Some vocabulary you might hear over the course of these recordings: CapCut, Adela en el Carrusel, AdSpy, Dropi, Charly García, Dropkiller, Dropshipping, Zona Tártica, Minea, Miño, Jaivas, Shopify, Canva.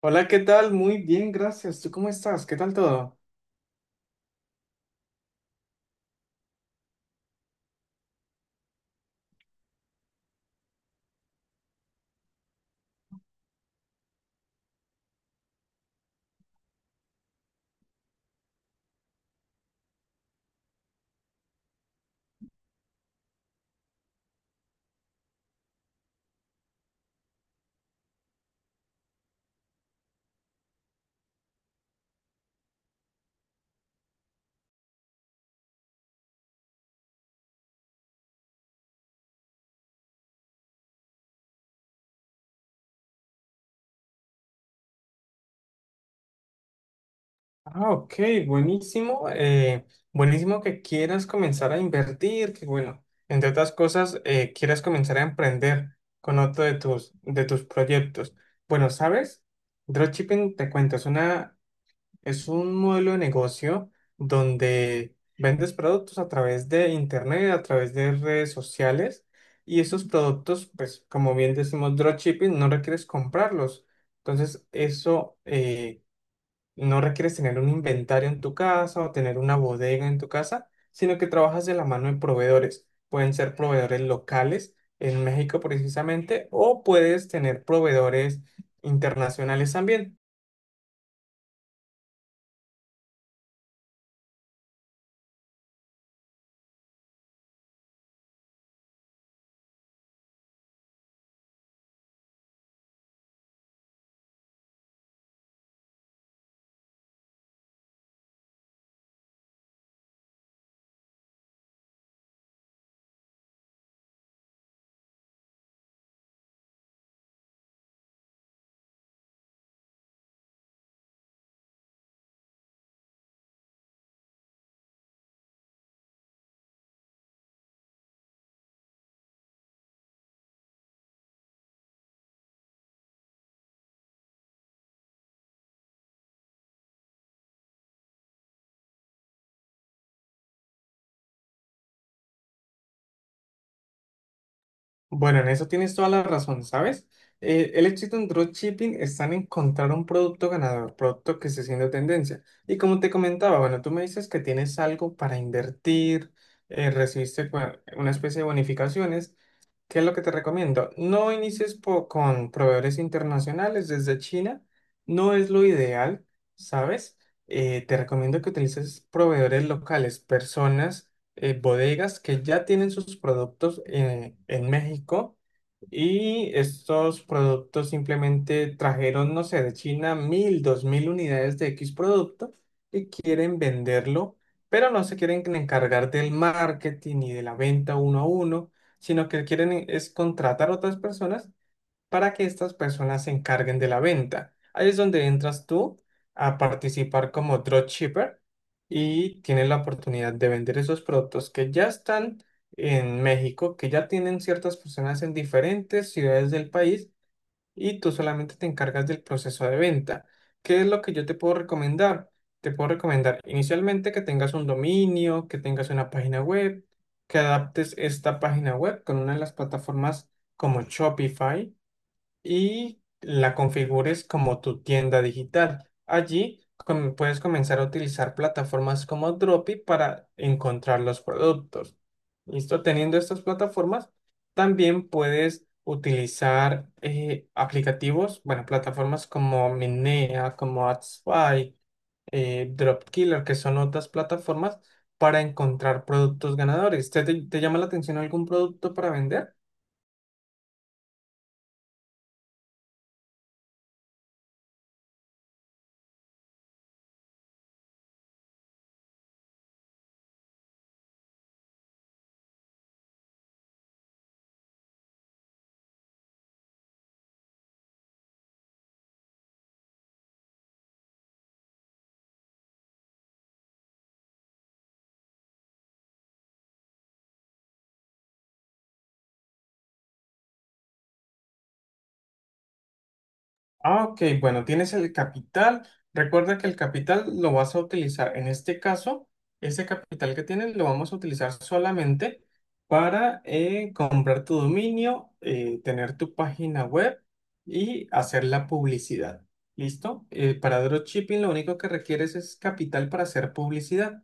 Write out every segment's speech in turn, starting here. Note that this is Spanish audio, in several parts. Hola, ¿qué tal? Muy bien, gracias. ¿Tú cómo estás? ¿Qué tal todo? Ah, ok, buenísimo. Buenísimo que quieras comenzar a invertir, que bueno, entre otras cosas, quieras comenzar a emprender con otro de tus proyectos. Bueno, ¿sabes? Dropshipping, te cuento, es un modelo de negocio donde vendes productos a través de internet, a través de redes sociales, y esos productos, pues como bien decimos, dropshipping, no requieres comprarlos. Entonces, eso no requieres tener un inventario en tu casa o tener una bodega en tu casa, sino que trabajas de la mano de proveedores. Pueden ser proveedores locales en México precisamente, o puedes tener proveedores internacionales también. Bueno, en eso tienes toda la razón, ¿sabes? El éxito en dropshipping está en encontrar un producto ganador, producto que esté siendo tendencia. Y como te comentaba, bueno, tú me dices que tienes algo para invertir, recibiste una especie de bonificaciones. ¿Qué es lo que te recomiendo? No inicies con proveedores internacionales desde China, no es lo ideal, ¿sabes? Te recomiendo que utilices proveedores locales, personas bodegas que ya tienen sus productos en México, y estos productos simplemente trajeron, no sé, de China 1,000, 2,000 unidades de X producto, y quieren venderlo, pero no se quieren encargar del marketing ni de la venta uno a uno, sino que quieren es contratar otras personas para que estas personas se encarguen de la venta. Ahí es donde entras tú a participar como dropshipper y tienes la oportunidad de vender esos productos que ya están en México, que ya tienen ciertas personas en diferentes ciudades del país, y tú solamente te encargas del proceso de venta. ¿Qué es lo que yo te puedo recomendar? Te puedo recomendar inicialmente que tengas un dominio, que tengas una página web, que adaptes esta página web con una de las plataformas como Shopify, y la configures como tu tienda digital. Allí puedes comenzar a utilizar plataformas como Dropi para encontrar los productos. ¿Listo? Teniendo estas plataformas, también puedes utilizar aplicativos, bueno, plataformas como Minea, como AdSpy, Dropkiller, que son otras plataformas para encontrar productos ganadores. ¿Te llama la atención algún producto para vender? Ah, ok, bueno, tienes el capital. Recuerda que el capital lo vas a utilizar, en este caso, ese capital que tienes lo vamos a utilizar solamente para comprar tu dominio, tener tu página web y hacer la publicidad. ¿Listo? Para dropshipping lo único que requieres es capital para hacer publicidad,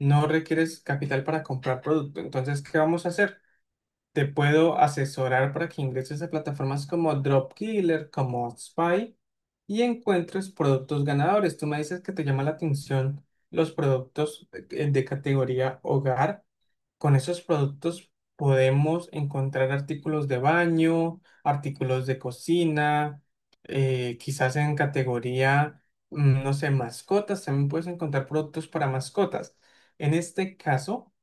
no requieres capital para comprar producto. Entonces, ¿qué vamos a hacer? Te puedo asesorar para que ingreses a plataformas como Dropkiller, como Spy, y encuentres productos ganadores. Tú me dices que te llama la atención los productos de categoría hogar. Con esos productos podemos encontrar artículos de baño, artículos de cocina, quizás en categoría, no sé, mascotas. También puedes encontrar productos para mascotas. En este caso,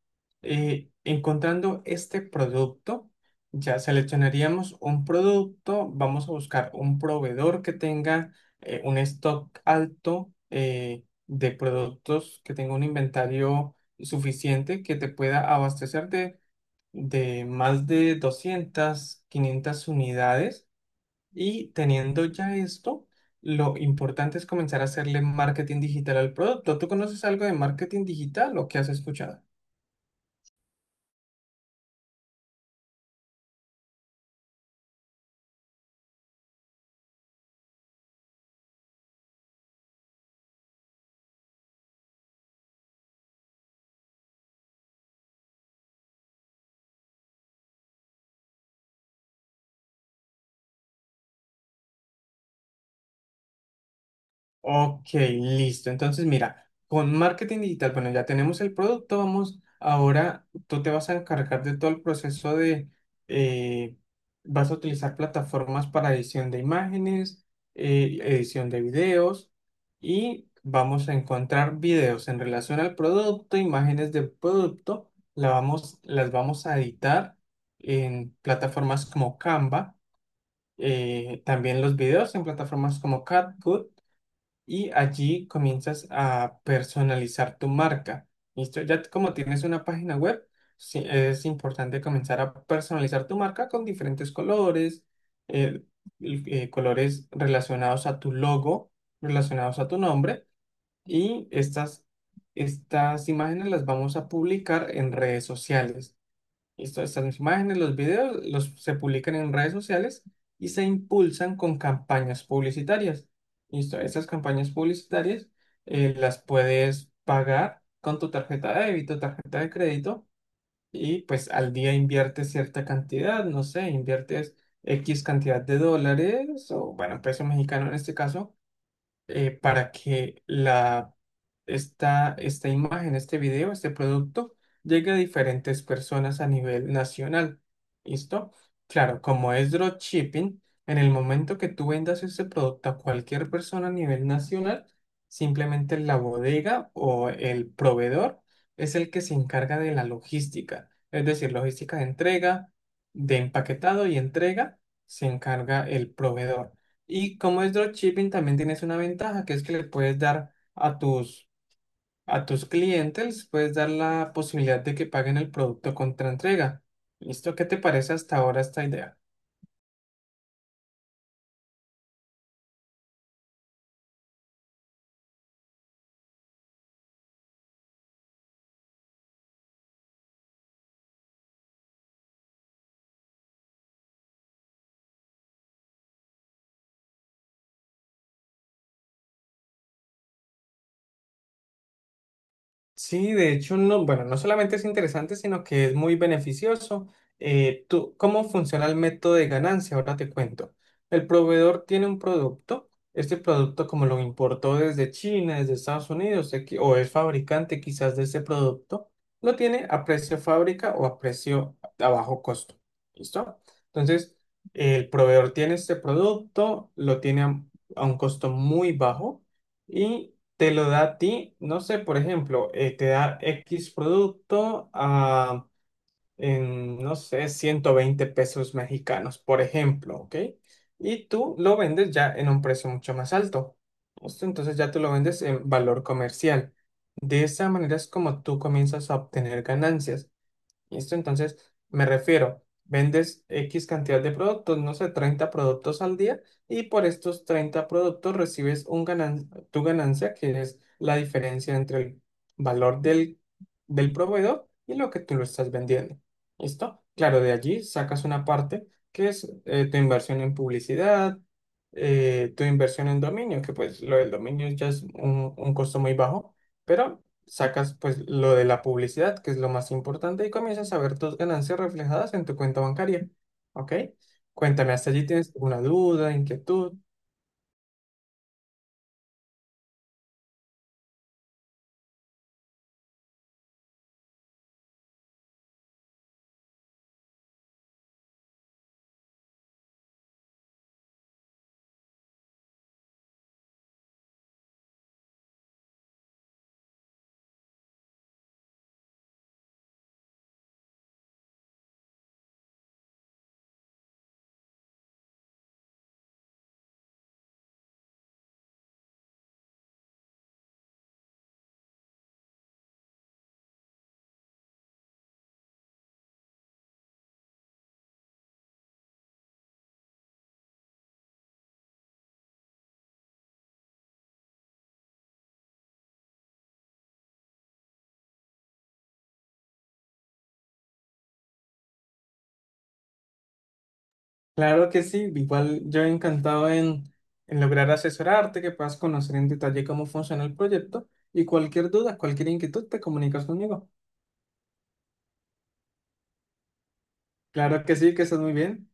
encontrando este producto, ya seleccionaríamos un producto, vamos a buscar un proveedor que tenga un stock alto de productos, que tenga un inventario suficiente que te pueda abastecer de más de 200 500 unidades. Y teniendo ya esto, lo importante es comenzar a hacerle marketing digital al producto. ¿Tú conoces algo de marketing digital o qué has escuchado? Ok, listo. Entonces, mira, con marketing digital, bueno, ya tenemos el producto, vamos, ahora tú te vas a encargar de todo el proceso eh, vas a utilizar plataformas para edición de imágenes, edición de videos, y vamos a encontrar videos en relación al producto, imágenes del producto, las vamos a editar en plataformas como Canva, también los videos en plataformas como CapCut, y allí comienzas a personalizar tu marca. ¿Listo? Ya como tienes una página web, sí, es importante comenzar a personalizar tu marca con diferentes colores, eh, colores relacionados a tu logo, relacionados a tu nombre, y estas imágenes las vamos a publicar en redes sociales. Estas imágenes, los videos, se publican en redes sociales y se impulsan con campañas publicitarias. Listo, estas campañas publicitarias las puedes pagar con tu tarjeta de débito, tarjeta de crédito, y pues al día inviertes cierta cantidad, no sé, inviertes X cantidad de dólares, o bueno, peso mexicano en este caso, para que la, esta imagen, este video, este producto llegue a diferentes personas a nivel nacional. ¿Listo? Claro, como es dropshipping, en el momento que tú vendas ese producto a cualquier persona a nivel nacional, simplemente la bodega o el proveedor es el que se encarga de la logística, es decir, logística de entrega, de empaquetado y entrega, se encarga el proveedor. Y como es dropshipping, también tienes una ventaja, que es que le puedes dar a tus clientes, puedes dar la posibilidad de que paguen el producto contra entrega. ¿Listo? ¿Qué te parece hasta ahora esta idea? Sí, de hecho, no, bueno, no solamente es interesante, sino que es muy beneficioso. Tú, ¿cómo funciona el método de ganancia? Ahora te cuento. El proveedor tiene un producto. Este producto, como lo importó desde China, desde Estados Unidos, o es fabricante quizás de ese producto, lo tiene a precio fábrica o a precio a bajo costo. ¿Listo? Entonces, el proveedor tiene este producto, lo tiene a un costo muy bajo, te lo da a ti, no sé, por ejemplo, te da X producto no sé, 120 pesos mexicanos, por ejemplo, ¿ok? Y tú lo vendes ya en un precio mucho más alto. ¿Listo? Entonces ya tú lo vendes en valor comercial. De esa manera es como tú comienzas a obtener ganancias. ¿Listo? Entonces, me refiero, vendes X cantidad de productos, no sé, 30 productos al día, y por estos 30 productos recibes tu ganancia, que es la diferencia entre el valor del proveedor y lo que tú lo estás vendiendo. ¿Listo? Claro, de allí sacas una parte que es tu inversión en publicidad, tu inversión en dominio, que pues lo del dominio ya es un costo muy bajo, pero sacas pues lo de la publicidad, que es lo más importante, y comienzas a ver tus ganancias reflejadas en tu cuenta bancaria. ¿Ok? Cuéntame, ¿hasta allí tienes alguna duda, inquietud? Claro que sí, igual yo encantado en, lograr asesorarte, que puedas conocer en detalle cómo funciona el proyecto, y cualquier duda, cualquier inquietud, te comunicas conmigo. Claro que sí, que estás muy bien.